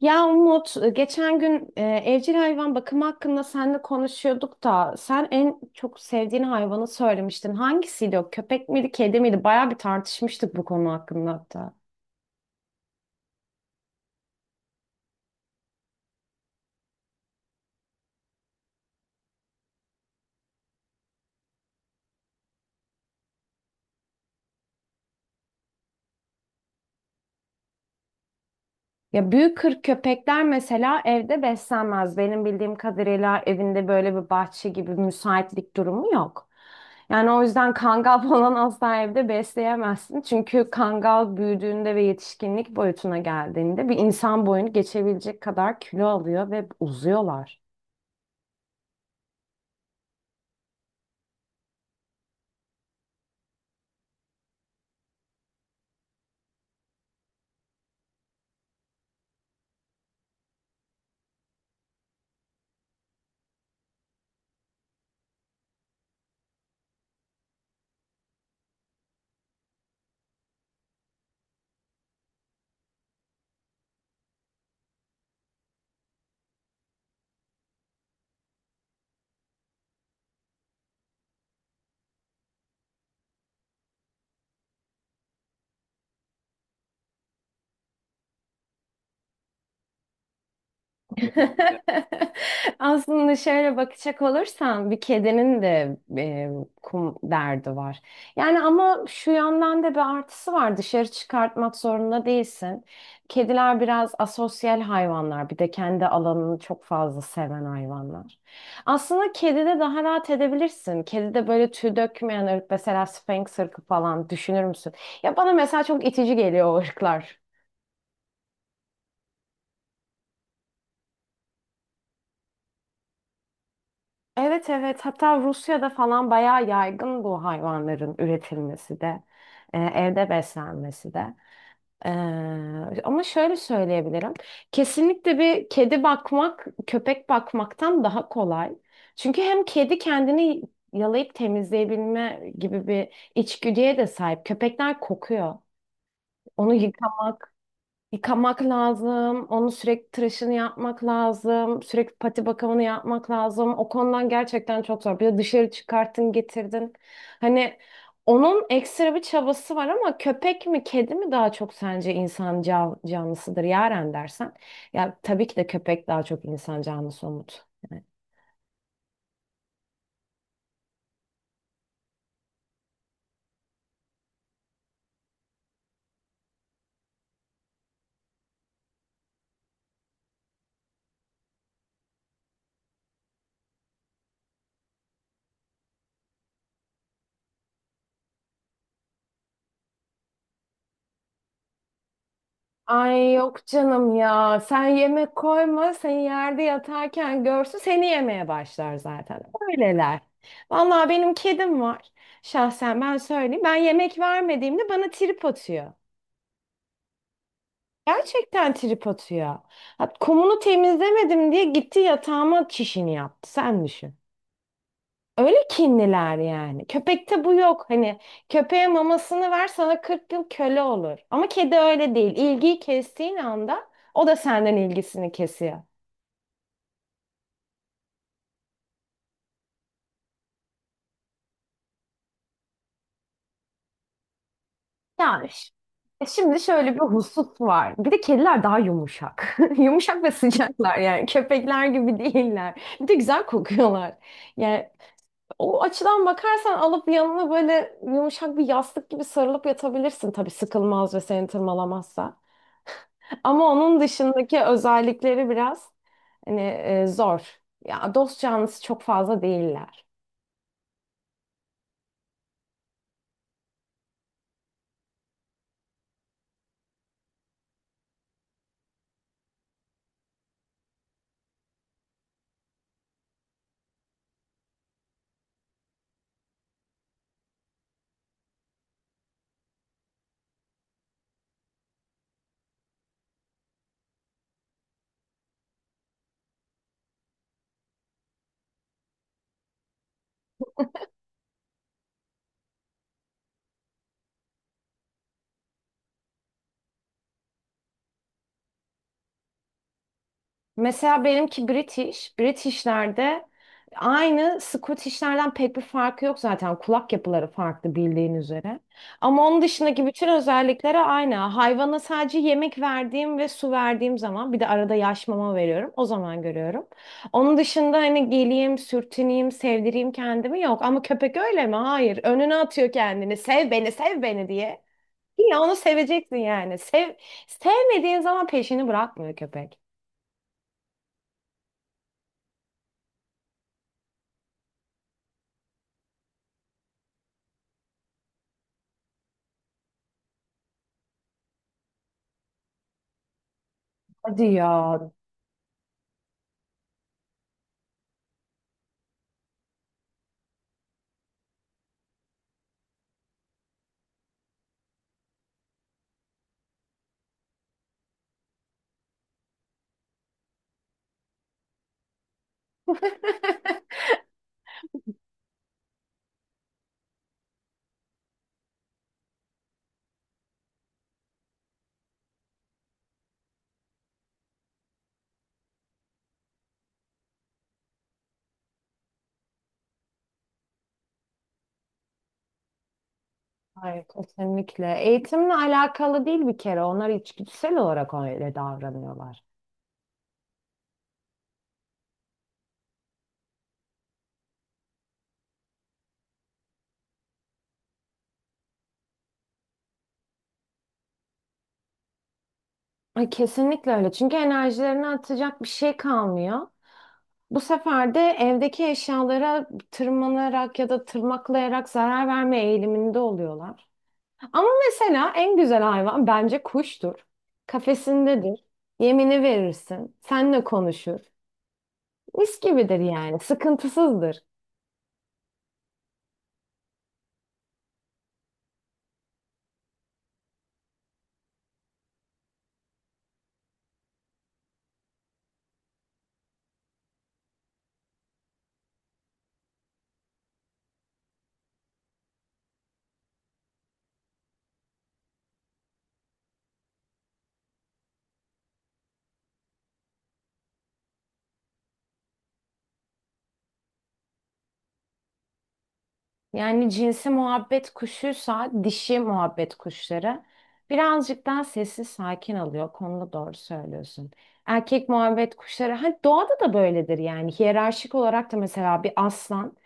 Ya Umut, geçen gün evcil hayvan bakımı hakkında seninle konuşuyorduk da sen en çok sevdiğin hayvanı söylemiştin. Hangisiydi o? Köpek miydi, kedi miydi? Bayağı bir tartışmıştık bu konu hakkında hatta. Ya büyük kırk köpekler mesela evde beslenmez. Benim bildiğim kadarıyla evinde böyle bir bahçe gibi müsaitlik durumu yok. Yani o yüzden kangal falan asla evde besleyemezsin. Çünkü kangal büyüdüğünde ve yetişkinlik boyutuna geldiğinde bir insan boyunu geçebilecek kadar kilo alıyor ve uzuyorlar. Aslında şöyle bakacak olursan bir kedinin de kum derdi var. Yani ama şu yandan da bir artısı var. Dışarı çıkartmak zorunda değilsin. Kediler biraz asosyal hayvanlar. Bir de kendi alanını çok fazla seven hayvanlar. Aslında kedide daha rahat edebilirsin. Kedide böyle tüy dökmeyen ırk mesela Sphinx ırkı falan düşünür müsün? Ya bana mesela çok itici geliyor o ırklar. Evet, evet, hatta Rusya'da falan bayağı yaygın bu hayvanların üretilmesi de evde beslenmesi de. Ama şöyle söyleyebilirim. Kesinlikle bir kedi bakmak köpek bakmaktan daha kolay. Çünkü hem kedi kendini yalayıp temizleyebilme gibi bir içgüdüye de sahip. Köpekler kokuyor. Onu yıkamak, Yıkamak lazım, onu sürekli tıraşını yapmak lazım, sürekli pati bakımını yapmak lazım. O konudan gerçekten çok zor. Bir de dışarı çıkarttın, getirdin. Hani onun ekstra bir çabası var ama köpek mi, kedi mi daha çok sence insan canlısıdır Yaren dersen? Ya tabii ki de köpek daha çok insan canlısı Umut. Yani, ay yok canım ya. Sen yemek koyma. Seni yerde yatarken görsün. Seni yemeye başlar zaten. Öyleler. Vallahi benim kedim var. Şahsen ben söyleyeyim. Ben yemek vermediğimde bana trip atıyor. Gerçekten trip atıyor. Ha, kumunu temizlemedim diye gitti yatağıma çişini yaptı. Sen düşün. Öyle kinliler yani. Köpekte bu yok. Hani köpeğe mamasını ver sana 40 yıl köle olur. Ama kedi öyle değil. İlgiyi kestiğin anda o da senden ilgisini kesiyor. Yani ş- Şimdi şöyle bir husus var. Bir de kediler daha yumuşak. Yumuşak ve sıcaklar yani. Köpekler gibi değiller. Bir de güzel kokuyorlar. Yani o açıdan bakarsan alıp yanına böyle yumuşak bir yastık gibi sarılıp yatabilirsin tabii sıkılmaz ve seni tırmalamazsa. Ama onun dışındaki özellikleri biraz hani zor. Ya dost canlısı çok fazla değiller. Mesela benimki British. British'lerde aynı Scottish'lerden pek bir farkı yok zaten. Kulak yapıları farklı bildiğin üzere. Ama onun dışındaki bütün özellikleri aynı. Hayvana sadece yemek verdiğim ve su verdiğim zaman bir de arada yaş mama veriyorum. O zaman görüyorum. Onun dışında hani geleyim, sürtüneyim, sevdireyim kendimi yok. Ama köpek öyle mi? Hayır. Önüne atıyor kendini. Sev beni, sev beni diye. Ya onu seveceksin yani. Sev, sevmediğin zaman peşini bırakmıyor köpek. Hadi ya. Hayır, kesinlikle. Eğitimle alakalı değil bir kere. Onlar içgüdüsel olarak öyle davranıyorlar. Ay, kesinlikle öyle. Çünkü enerjilerini atacak bir şey kalmıyor. Bu sefer de evdeki eşyalara tırmanarak ya da tırmaklayarak zarar verme eğiliminde oluyorlar. Ama mesela en güzel hayvan bence kuştur. Kafesindedir. Yemini verirsin. Seninle konuşur. Mis gibidir yani. Sıkıntısızdır. Yani cinsi muhabbet kuşuysa dişi muhabbet kuşları birazcık daha sessiz sakin alıyor. Konuda doğru söylüyorsun. Erkek muhabbet kuşları hani doğada da böyledir yani hiyerarşik olarak da mesela bir aslan,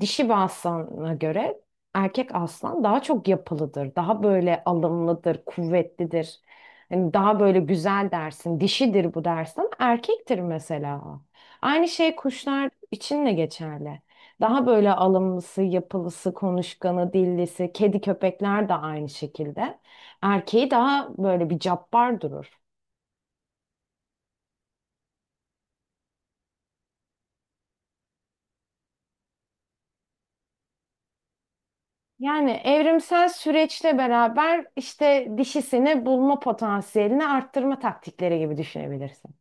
dişi bir aslana göre erkek aslan daha çok yapılıdır, daha böyle alımlıdır, kuvvetlidir. Hani daha böyle güzel dersin, dişidir bu dersin ama erkektir mesela. Aynı şey kuşlar için de geçerli. Daha böyle alımlısı, yapılısı, konuşkanı, dillisi, kedi köpekler de aynı şekilde. Erkeği daha böyle bir cabbar durur. Yani evrimsel süreçle beraber işte dişisini bulma potansiyelini arttırma taktikleri gibi düşünebilirsin.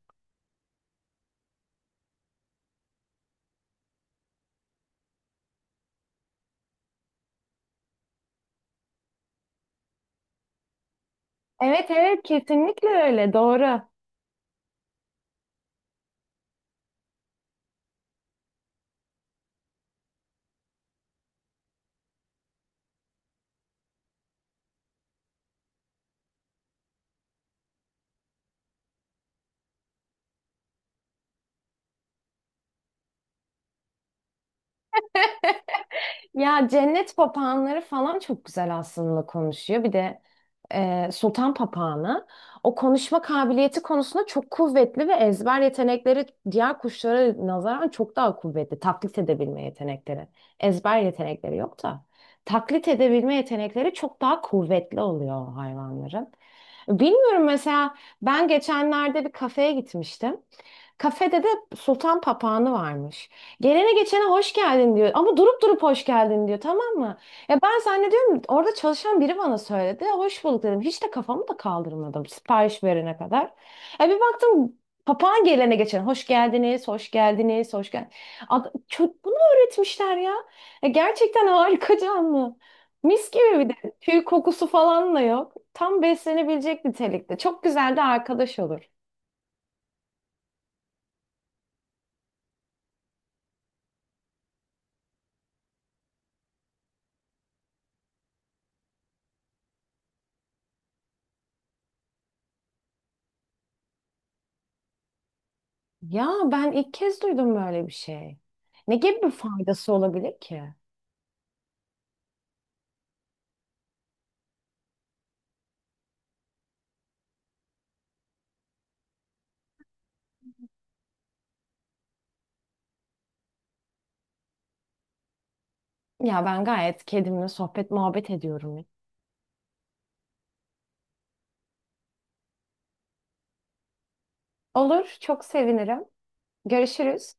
Evet, evet, kesinlikle öyle, doğru. Ya cennet papağanları falan çok güzel aslında konuşuyor. Bir de sultan papağanı o konuşma kabiliyeti konusunda çok kuvvetli ve ezber yetenekleri diğer kuşlara nazaran çok daha kuvvetli. Taklit edebilme yetenekleri. Ezber yetenekleri yok da. Taklit edebilme yetenekleri çok daha kuvvetli oluyor o hayvanların. Bilmiyorum, mesela ben geçenlerde bir kafeye gitmiştim. Kafede de sultan papağanı varmış. Gelene geçene hoş geldin diyor. Ama durup durup hoş geldin diyor. Tamam mı? Ya ben zannediyorum orada çalışan biri bana söyledi. Hoş bulduk dedim. Hiç de kafamı da kaldırmadım sipariş verene kadar. Ya bir baktım papağan gelene geçene hoş geldiniz, hoş geldiniz, hoş geldiniz. Çocuk bunu öğretmişler ya. Ya gerçekten harika canlı. Mis gibi bir de tüy kokusu falan da yok. Tam beslenebilecek nitelikte. Çok güzel de arkadaş olur. Ya ben ilk kez duydum böyle bir şey. Ne gibi bir faydası olabilir ki? Ya ben gayet kedimle sohbet muhabbet ediyorum. Olur, çok sevinirim. Görüşürüz.